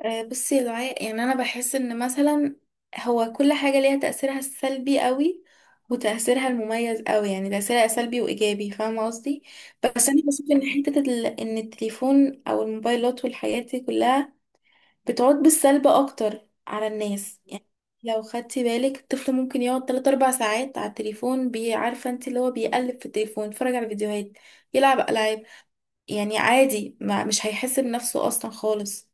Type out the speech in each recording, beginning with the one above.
بصي يا دعاء، يعني انا بحس ان مثلا هو كل حاجه ليها تاثيرها السلبي قوي وتاثيرها المميز قوي. يعني تاثيرها سلبي وايجابي، فاهمه قصدي. بس انا بشوف ان ان التليفون او الموبايلات والحاجات دي كلها بتعود بالسلب اكتر على الناس. يعني لو خدتي بالك، الطفل ممكن يقعد 3 4 ساعات على التليفون، عارفه انت، اللي هو بيقلب في التليفون، يتفرج على فيديوهات، يلعب العاب. يعني عادي، ما مش هيحس بنفسه اصلا خالص.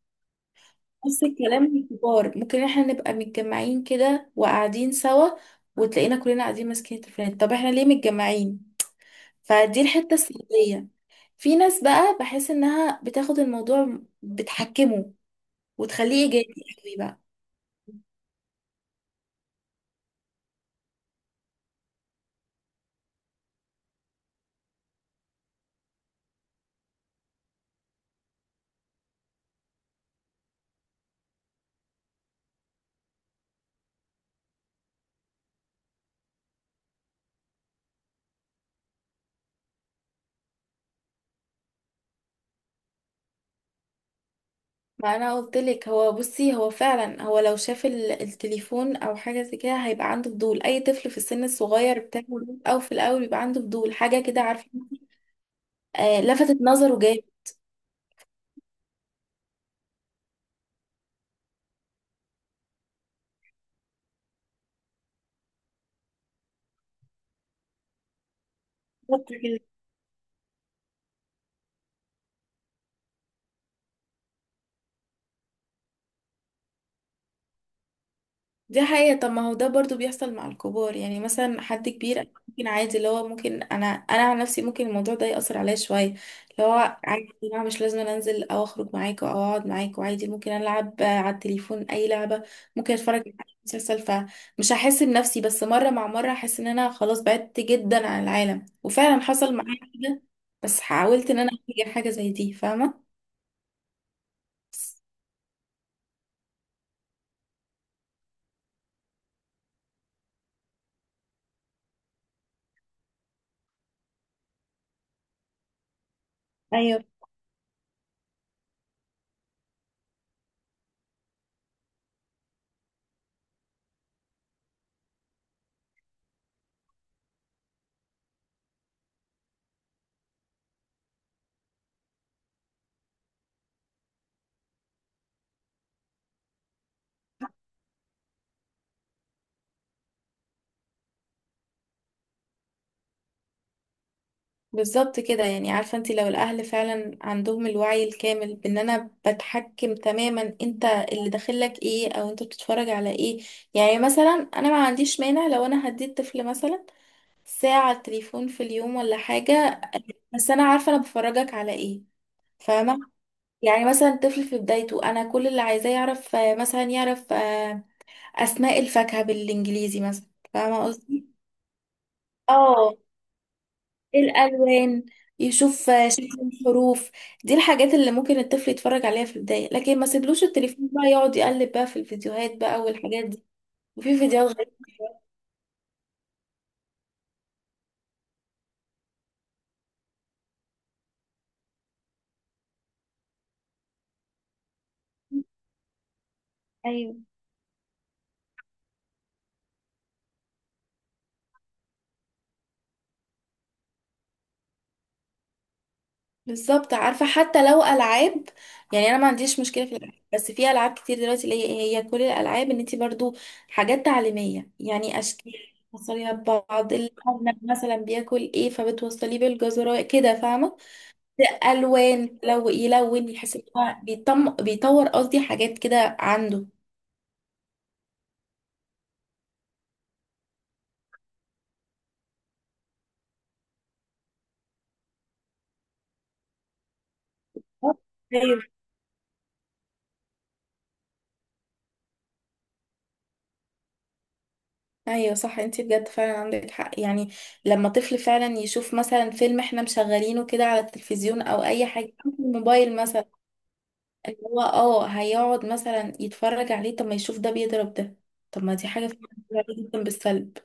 نفس الكلام للكبار، ممكن احنا نبقى متجمعين كده وقاعدين سوا، وتلاقينا كلنا قاعدين ماسكين التليفونات. طب احنا ليه متجمعين؟ فدي الحتة السلبية. في ناس بقى بحس انها بتاخد الموضوع بتحكمه وتخليه ايجابي قوي بقى. ما انا قلت لك، هو بصي، هو فعلا هو لو شاف التليفون او حاجه زي كده هيبقى عنده فضول. اي طفل في السن الصغير بتاعه ده، او في الاول بيبقى عنده فضول حاجه كده، عارفه؟ آه، لفتت نظره جامد. دي حقيقة. طب ما هو ده برضو بيحصل مع الكبار. يعني مثلا حد كبير، أنا ممكن عادي، اللي هو ممكن انا عن نفسي ممكن الموضوع ده يأثر عليا شوية. اللي هو عادي يا جماعة، مش لازم أنا انزل او اخرج معاكوا او اقعد معاكوا، عادي ممكن العب على التليفون اي لعبة، ممكن اتفرج على مسلسل، فمش هحس بنفسي. بس مرة مع مرة هحس ان انا خلاص بعدت جدا عن العالم، وفعلا حصل معايا كده، بس حاولت ان انا اغير حاجة زي دي، فاهمة؟ ايوه، بالظبط كده. يعني عارفة انت، لو الأهل فعلا عندهم الوعي الكامل بأن أنا بتحكم تماما انت اللي داخلك ايه أو انت بتتفرج على ايه. يعني مثلا أنا ما عنديش مانع لو أنا هديت طفل مثلا ساعة تليفون في اليوم ولا حاجة، بس أنا عارفة أنا بفرجك على ايه، فاهمة؟ يعني مثلا طفل في بدايته، أنا كل اللي عايزاه يعرف، مثلا يعرف أسماء الفاكهة بالإنجليزي مثلا، فاهمة قصدي؟ اه، الالوان، يشوف شكل الحروف. دي الحاجات اللي ممكن الطفل يتفرج عليها في البدايه، لكن ما سيبلوش التليفون بقى يقعد يقلب بقى في الفيديوهات بقى والحاجات دي وفي فيديوهات غريبه. ايوه، بالظبط. عارفه، حتى لو العاب، يعني انا ما عنديش مشكله في الالعاب، بس في العاب كتير دلوقتي اللي هي إيه، هي كل الالعاب ان انت برضو حاجات تعليميه، يعني اشكال بتوصليها ببعض، الارنب مثلا بياكل ايه فبتوصليه بالجزر كده، فاهمه؟ الوان لو يلون، يحس ان هو بيطور قصدي حاجات كده عنده. ايوه ايوه، صح، انت بجد فعلا عندك حق. يعني لما طفل فعلا يشوف مثلا فيلم احنا مشغلينه كده على التلفزيون او اي حاجه أو في الموبايل مثلا، اللي هو اه هيقعد مثلا يتفرج عليه. طب ما يشوف ده بيضرب ده، طب ما دي حاجه فعلا جدا بالسلب.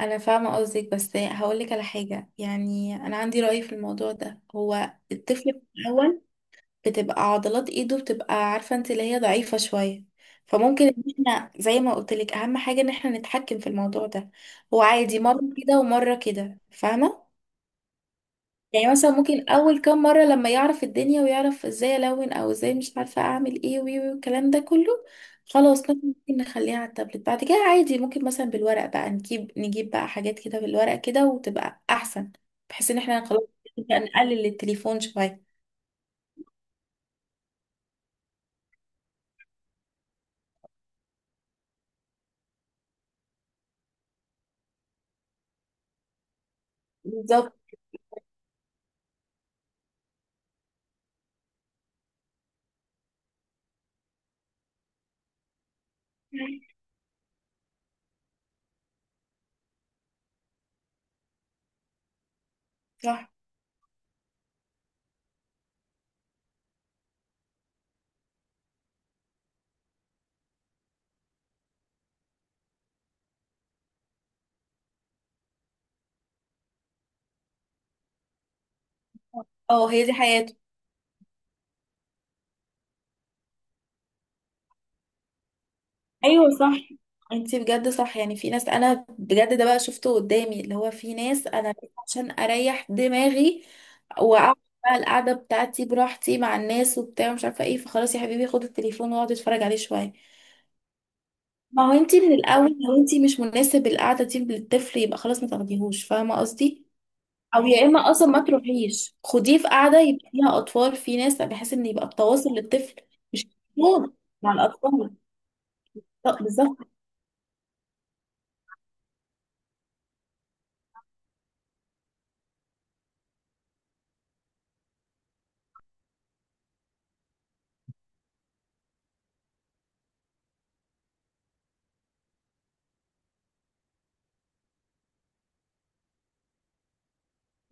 انا فاهمه قصدك، بس هقول لك على حاجه، يعني انا عندي راي في الموضوع ده. هو الطفل الاول بتبقى عضلات ايده بتبقى، عارفة انت، اللي هي ضعيفة شوية. فممكن ان احنا زي ما قلت لك، اهم حاجة ان احنا نتحكم في الموضوع ده. هو عادي مرة كده ومرة كده، فاهمة؟ يعني مثلا ممكن اول كام مرة لما يعرف الدنيا ويعرف ازاي الون او ازاي مش عارفة اعمل ايه وي وي والكلام ده كله، خلاص مثلا ممكن نخليها على التابلت. بعد كده عادي، ممكن مثلا بالورق بقى نجيب بقى حاجات كده بالورق كده، وتبقى احسن، بحيث ان احنا خلاص نقلل التليفون شوية. بالظبط، صح. اه، هي دي حياته. ايوه، صح. انتي بجد صح، يعني في ناس انا بجد ده بقى شفته قدامي، اللي هو في ناس انا بس عشان اريح دماغي واقعد بقى القعده بتاعتي براحتي مع الناس وبتاع مش عارفه ايه، فخلاص يا حبيبي خد التليفون واقعد اتفرج عليه شويه. ما هو انتي من الاول لو انتي مش مناسب القعده دي للطفل، يبقى خلاص ما تاخديهوش، فاهمه قصدي؟ او يا اما اصلا ما تروحيش، خديه في قعده يبقى فيها اطفال، في ناس، بحيث ان يبقى التواصل للطفل مش مضمون مع الاطفال. لا، بالظبط،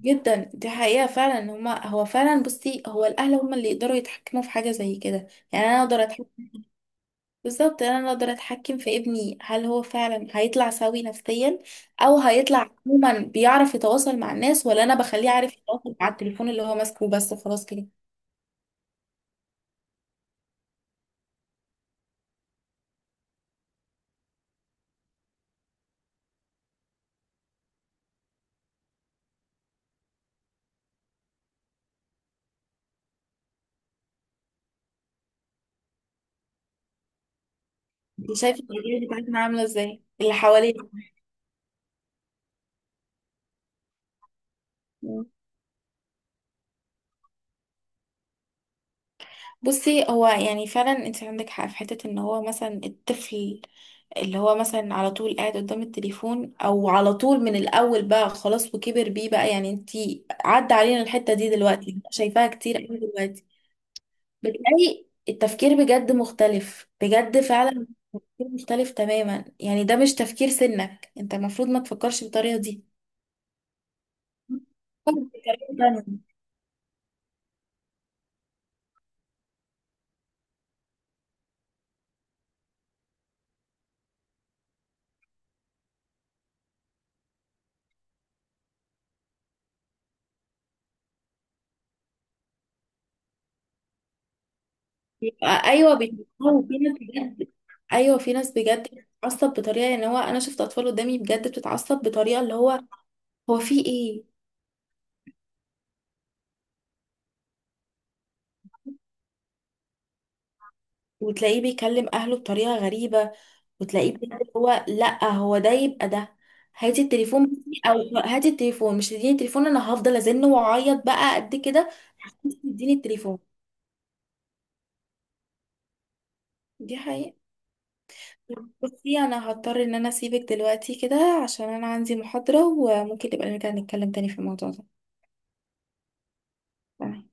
جدا. دي حقيقة فعلا، ان هما هو فعلا، بصي هو الأهل هما اللي يقدروا يتحكموا في حاجة زي كده. يعني أنا أقدر أتحكم، بالظبط، أنا أقدر أتحكم في ابني. هل هو فعلا هيطلع سوي نفسيا أو هيطلع عموما بيعرف يتواصل مع الناس، ولا أنا بخليه عارف يتواصل مع التليفون اللي هو ماسكه بس، خلاص كده. انت شايفة الأجيال بتاعتنا عاملة ازاي اللي حواليه؟ بصي، هو يعني فعلا انت عندك حق في حتة ان هو مثلا الطفل، اللي هو مثلا على طول قاعد قدام التليفون او على طول من الاول بقى خلاص وكبر بيه بقى، يعني انتي عدى علينا الحتة دي دلوقتي شايفاها كتير قوي دلوقتي. بتلاقي التفكير بجد مختلف بجد فعلا. تفكير مختلف تماما، يعني ده مش تفكير سنك، انت المفروض ما تفكرش بالطريقة دي، فكر بطريقة تانية. يبقى ايوه، بيفكروا في ناس بجد. ايوه، في ناس بجد بتتعصب بطريقه، ان هو انا شفت اطفال قدامي بجد بتتعصب بطريقه اللي هو، هو في ايه؟ وتلاقيه بيكلم اهله بطريقه غريبه، وتلاقيه بجد هو، لا هو ده يبقى ده، هاتي التليفون بس- او هاتي التليفون، مش تديني التليفون انا هفضل ازن واعيط بقى قد كده عشان تديني التليفون. دي حقيقة. بصي انا هضطر ان انا اسيبك دلوقتي كده، عشان انا عندي محاضرة. وممكن نبقى نرجع نتكلم تاني في الموضوع ده. تمام.